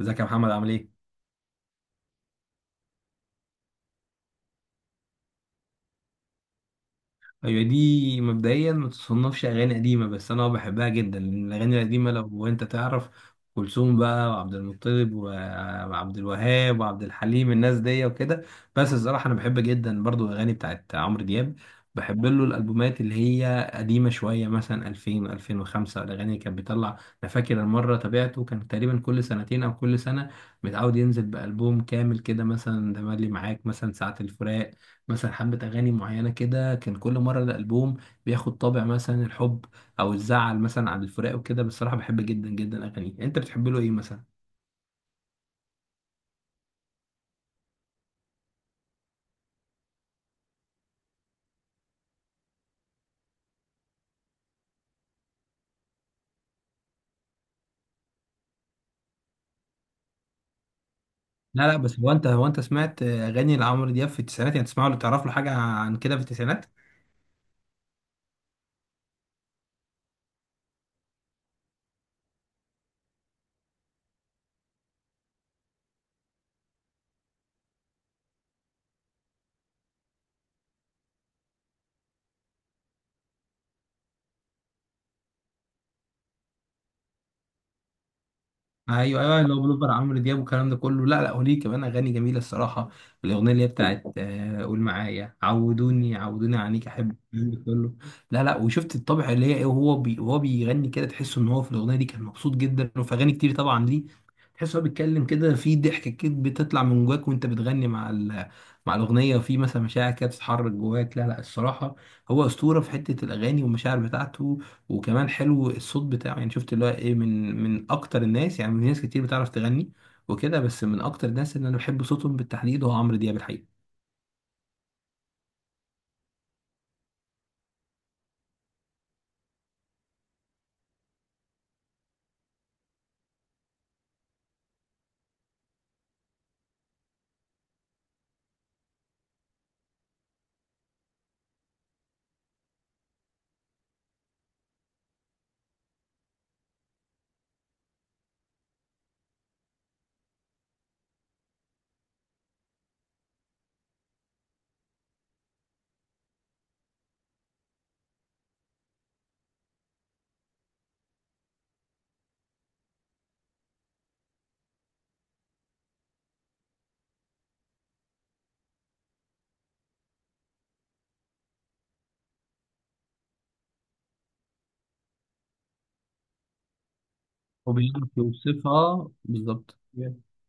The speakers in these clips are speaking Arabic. ازيك يا محمد عامل ايه؟ ايوه، دي مبدئيا ما تصنفش اغاني قديمه بس انا بحبها جدا لان الاغاني القديمه لو انت تعرف كلثوم بقى وعبد المطلب وعبد الوهاب وعبد الحليم الناس دي وكده. بس الصراحه انا بحب جدا برضو الاغاني بتاعت عمرو دياب. بحب له الالبومات اللي هي قديمه شويه مثلا 2000، 2005 الاغاني اللي كان بيطلع. انا فاكر المره تابعته كان تقريبا كل سنتين او كل سنه، متعود ينزل بالبوم كامل كده، مثلا تملي معاك، مثلا ساعه الفراق، مثلا حبة أغاني معينة كده. كان كل مرة الألبوم بياخد طابع مثلا الحب أو الزعل مثلا على الفراق وكده. بصراحة بحب جدا جدا أغانيه. أنت بتحب له إيه مثلا؟ لا لا، بس هو أنت سمعت أغاني لعمرو دياب في التسعينات؟ يعني تسمعه ولا تعرف له حاجة عن كده في التسعينات؟ ايوه ايوه، اللي هو بلوفر عمرو دياب والكلام ده كله. لا لا، وليه كمان اغاني جميله الصراحه. الاغنيه اللي هي بتاعت قول معايا، عودوني، عنيك احب، الكلام ده كله. لا لا، وشفت الطبع اللي هي ايه، وهو بي وهو بيغني كده تحس ان هو في الاغنيه دي كان مبسوط جدا. وفي اغاني كتير طبعا ليه تحس هو بيتكلم كده في ضحك كده بتطلع من جواك وانت بتغني مع مع الاغنيه. وفي مثلا مشاعر كده بتتحرك جواك. لا لا، الصراحه هو اسطوره في حته الاغاني والمشاعر بتاعته. وكمان حلو الصوت بتاعه، يعني شفت اللي هو ايه، من اكتر الناس. يعني في ناس كتير بتعرف تغني وكده، بس من اكتر الناس اللي انا بحب صوتهم بالتحديد هو عمرو دياب الحقيقة. هو بيعرف يوصفها بالظبط،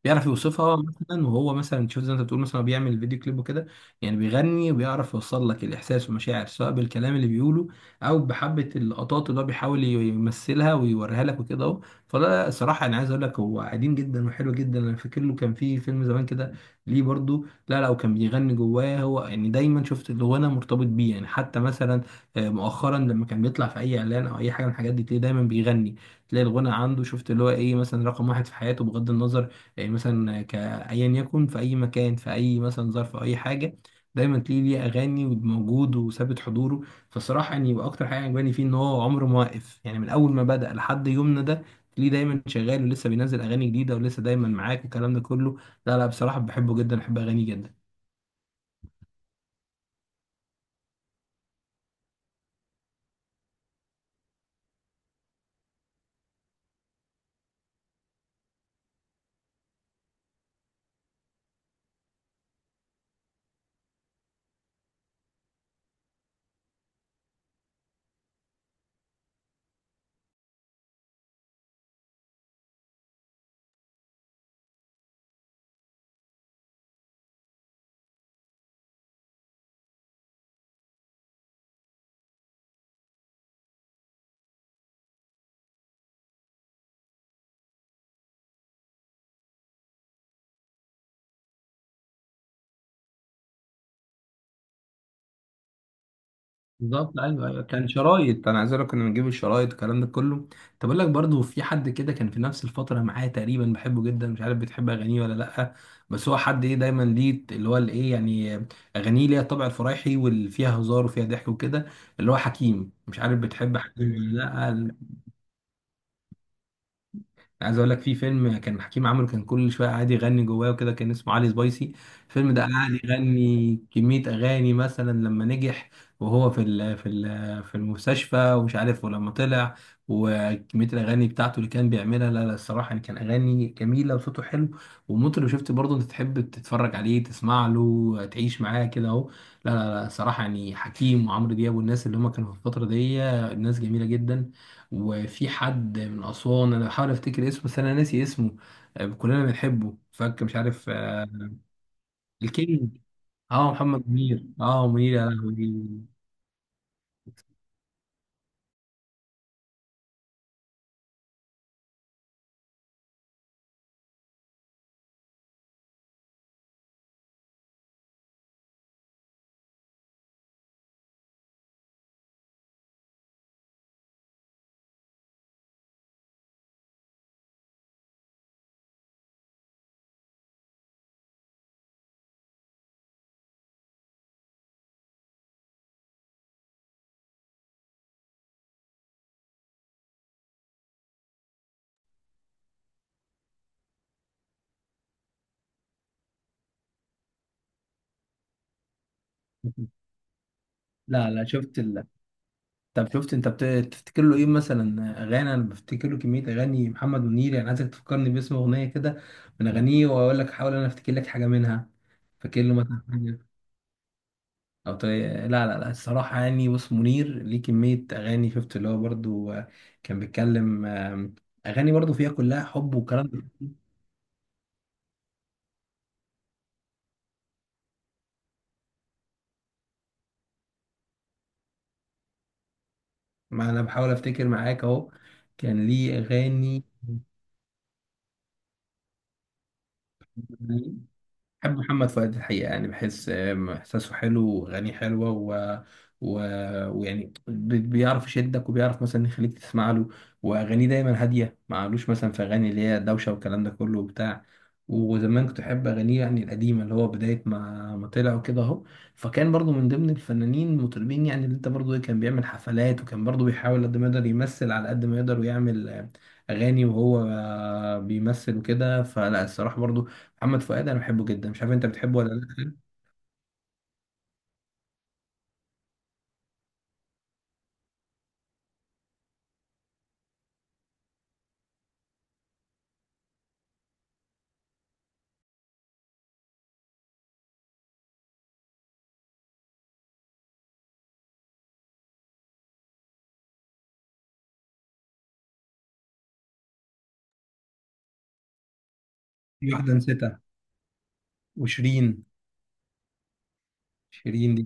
بيعرف يوصفها مثلا. وهو مثلا شوف زي ما انت بتقول مثلا هو بيعمل فيديو كليب وكده، يعني بيغني وبيعرف يوصل لك الاحساس والمشاعر، سواء بالكلام اللي بيقوله او بحبه اللقطات اللي هو بيحاول يمثلها ويوريها لك وكده اهو. فده الصراحه انا عايز اقول لك هو قديم جدا وحلو جدا. انا فاكر له كان في فيلم زمان كده ليه برضو. لا لا، وكان بيغني جواه هو، يعني دايما شفت الغنى مرتبط بيه. يعني حتى مثلا مؤخرا لما كان بيطلع في اي اعلان او اي حاجه من الحاجات دي تلاقيه دايما بيغني، تلاقي الغنى عنده، شفت اللي هو ايه، مثلا رقم واحد في حياته بغض النظر. يعني مثلا ك ايا يكن في اي مكان، في اي مثلا ظرف أو اي حاجه، دايما تلاقيه ليه اغاني وموجود وثابت حضوره. فالصراحه يعني، واكتر حاجه عجباني فيه ان هو عمره ما واقف. يعني من اول ما بدأ لحد يومنا ده تلاقيه دايما شغال ولسه بينزل اغاني جديده ولسه دايما معاك والكلام ده كله. لا لا، بصراحه بحبه جدا، بحب اغانيه جدا. بالظبط ايوه ايوه، كان شرايط. انا عايز اقول لك كنا بنجيب الشرايط الكلام ده كله. طب اقول لك برضه، في حد كده كان في نفس الفتره معايا تقريبا بحبه جدا، مش عارف بتحب اغانيه ولا لا. بس هو حد ايه، دايما ليه اللي هو الايه يعني اغانيه ليها الطابع الفرايحي واللي فيها هزار وفيها ضحك وكده، اللي هو حكيم. مش عارف بتحب حكيم ولا؟ لا، عايز اقول لك في فيلم كان حكيم عامله، كان كل شويه قاعد يغني جواه وكده، كان اسمه علي سبايسي. الفيلم ده قاعد يغني كميه اغاني، مثلا لما نجح وهو في ال في ال في المستشفى ومش عارف، ولما طلع، وكميه الاغاني بتاعته اللي كان بيعملها. لا لا الصراحه، يعني كان اغاني جميله وصوته حلو ومطرب، شفت برضه انت تحب تتفرج عليه تسمع له تعيش معاه كده اهو. لا لا لا، صراحه يعني حكيم وعمرو دياب والناس اللي هم كانوا في الفتره دي ناس جميله جدا. وفي حد من أسوان أنا بحاول أفتكر اسمه بس أنا ناسي اسمه، كلنا بنحبه، فك مش عارف، الكينج. اه محمد منير، اه منير، يا لهوي. لا لا، طب تفتكر له ايه مثلا اغاني؟ انا بفتكر له كميه اغاني محمد منير. يعني عايزك تفكرني باسم اغنيه كده من اغانيه واقول لك، حاول انا افتكر لك حاجه منها. فاكر له مثلا؟ لا لا لا، الصراحة يعني بص، منير ليه كمية أغاني، شفت اللي هو برضو، كان بيتكلم، أغاني برضو فيها كلها حب وكلام. ده. ما أنا بحاول أفتكر معاك أهو، كان ليه أغاني. بحب محمد فؤاد الحقيقة، يعني بحس إحساسه حلو وأغانيه حلوة و... ويعني بيعرف يشدك وبيعرف مثلا يخليك تسمع له. وأغانيه دايما هادية، ما عملوش مثلا في أغاني اللي هي دوشة والكلام ده كله وبتاع. وزمان كنت أحب أغانيه، يعني القديمة اللي هو بداية ما طلع وكده أهو. فكان برضو من ضمن الفنانين المطربين، يعني اللي أنت برضو إيه، كان بيعمل حفلات وكان برضو بيحاول قد ما يقدر يمثل على قد ما يقدر ويعمل أغاني. وهو بيمثل وكده. فلا الصراحة، برضو محمد فؤاد انا بحبه جدا، مش عارف انت بتحبه ولا لا. في واحده نسيتها، وشيرين. شيرين دي.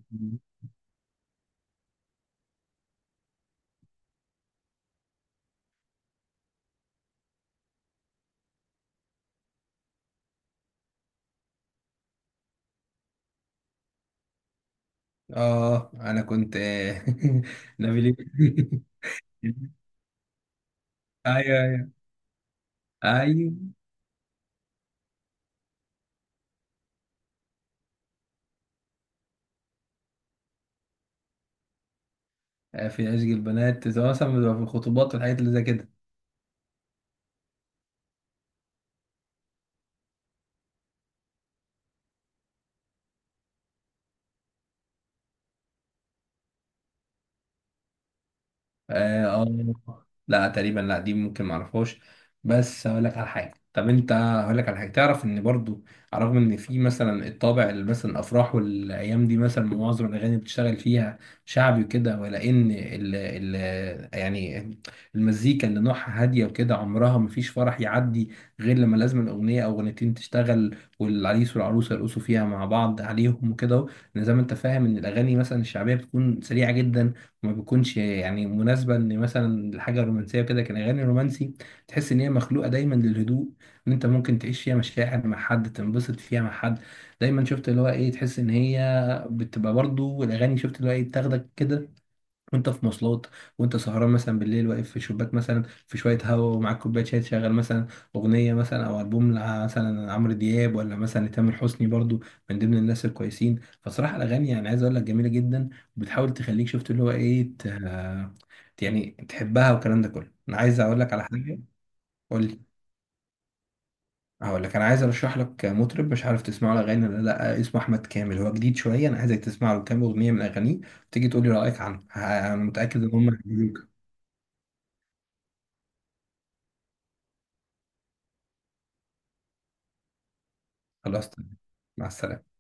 اه انا كنت نبيل ايوه ايوه ايوه، في عشق البنات سواء مثلا بتبقى في الخطوبات والحاجات اللي زي كده. اه. آه. لا تقريبا، لا دي ممكن معرفهاش. بس هقول لك على حاجه. طب انت هقول لك على حاجه، تعرف ان برضو على الرغم ان في مثلا الطابع اللي مثلا الافراح والايام دي مثلا معظم الاغاني بتشتغل فيها شعبي وكده، ولا ان ال يعني المزيكا اللي نوعها هاديه وكده، عمرها ما فيش فرح يعدي غير لما لازم الاغنيه او اغنيتين تشتغل والعريس والعروسه يرقصوا فيها مع بعض عليهم وكده أهو. لأن زي ما انت فاهم ان الاغاني مثلا الشعبيه بتكون سريعه جدا، ما بيكونش يعني مناسبة ان مثلا الحاجة الرومانسية كده. كان اغاني رومانسي تحس ان هي مخلوقة دايما للهدوء، ان انت ممكن تعيش فيها مشاعر مع حد، تنبسط فيها مع حد. دايما شفت اللي هو ايه، تحس ان هي بتبقى برضو الاغاني، شفت اللي هو ايه، بتاخدك كده وانت في مواصلات، وانت سهران مثلا بالليل واقف في شباك مثلا في شويه هوا ومعاك كوبايه شاي، تشغل مثلا اغنيه مثلا او البوم مثلا عمرو دياب ولا مثلا لتامر حسني برضو من ضمن الناس الكويسين. فصراحه الاغاني، يعني عايز اقول لك جميله جدا، وبتحاول تخليك شفت اللي هو ايه يعني تحبها والكلام ده كله. انا عايز اقول لك على حاجه. قول لي. هقول لك، انا عايز ارشح لك مطرب مش عارف تسمعه الاغاني ولا لا، اسمه احمد كامل، هو جديد شويه. انا عايزك تسمع له كام اغنيه من اغانيه تيجي تقول لي رايك عنه. انا متاكد ان هم هيعجبوك. خلاص تمام. مع السلامة.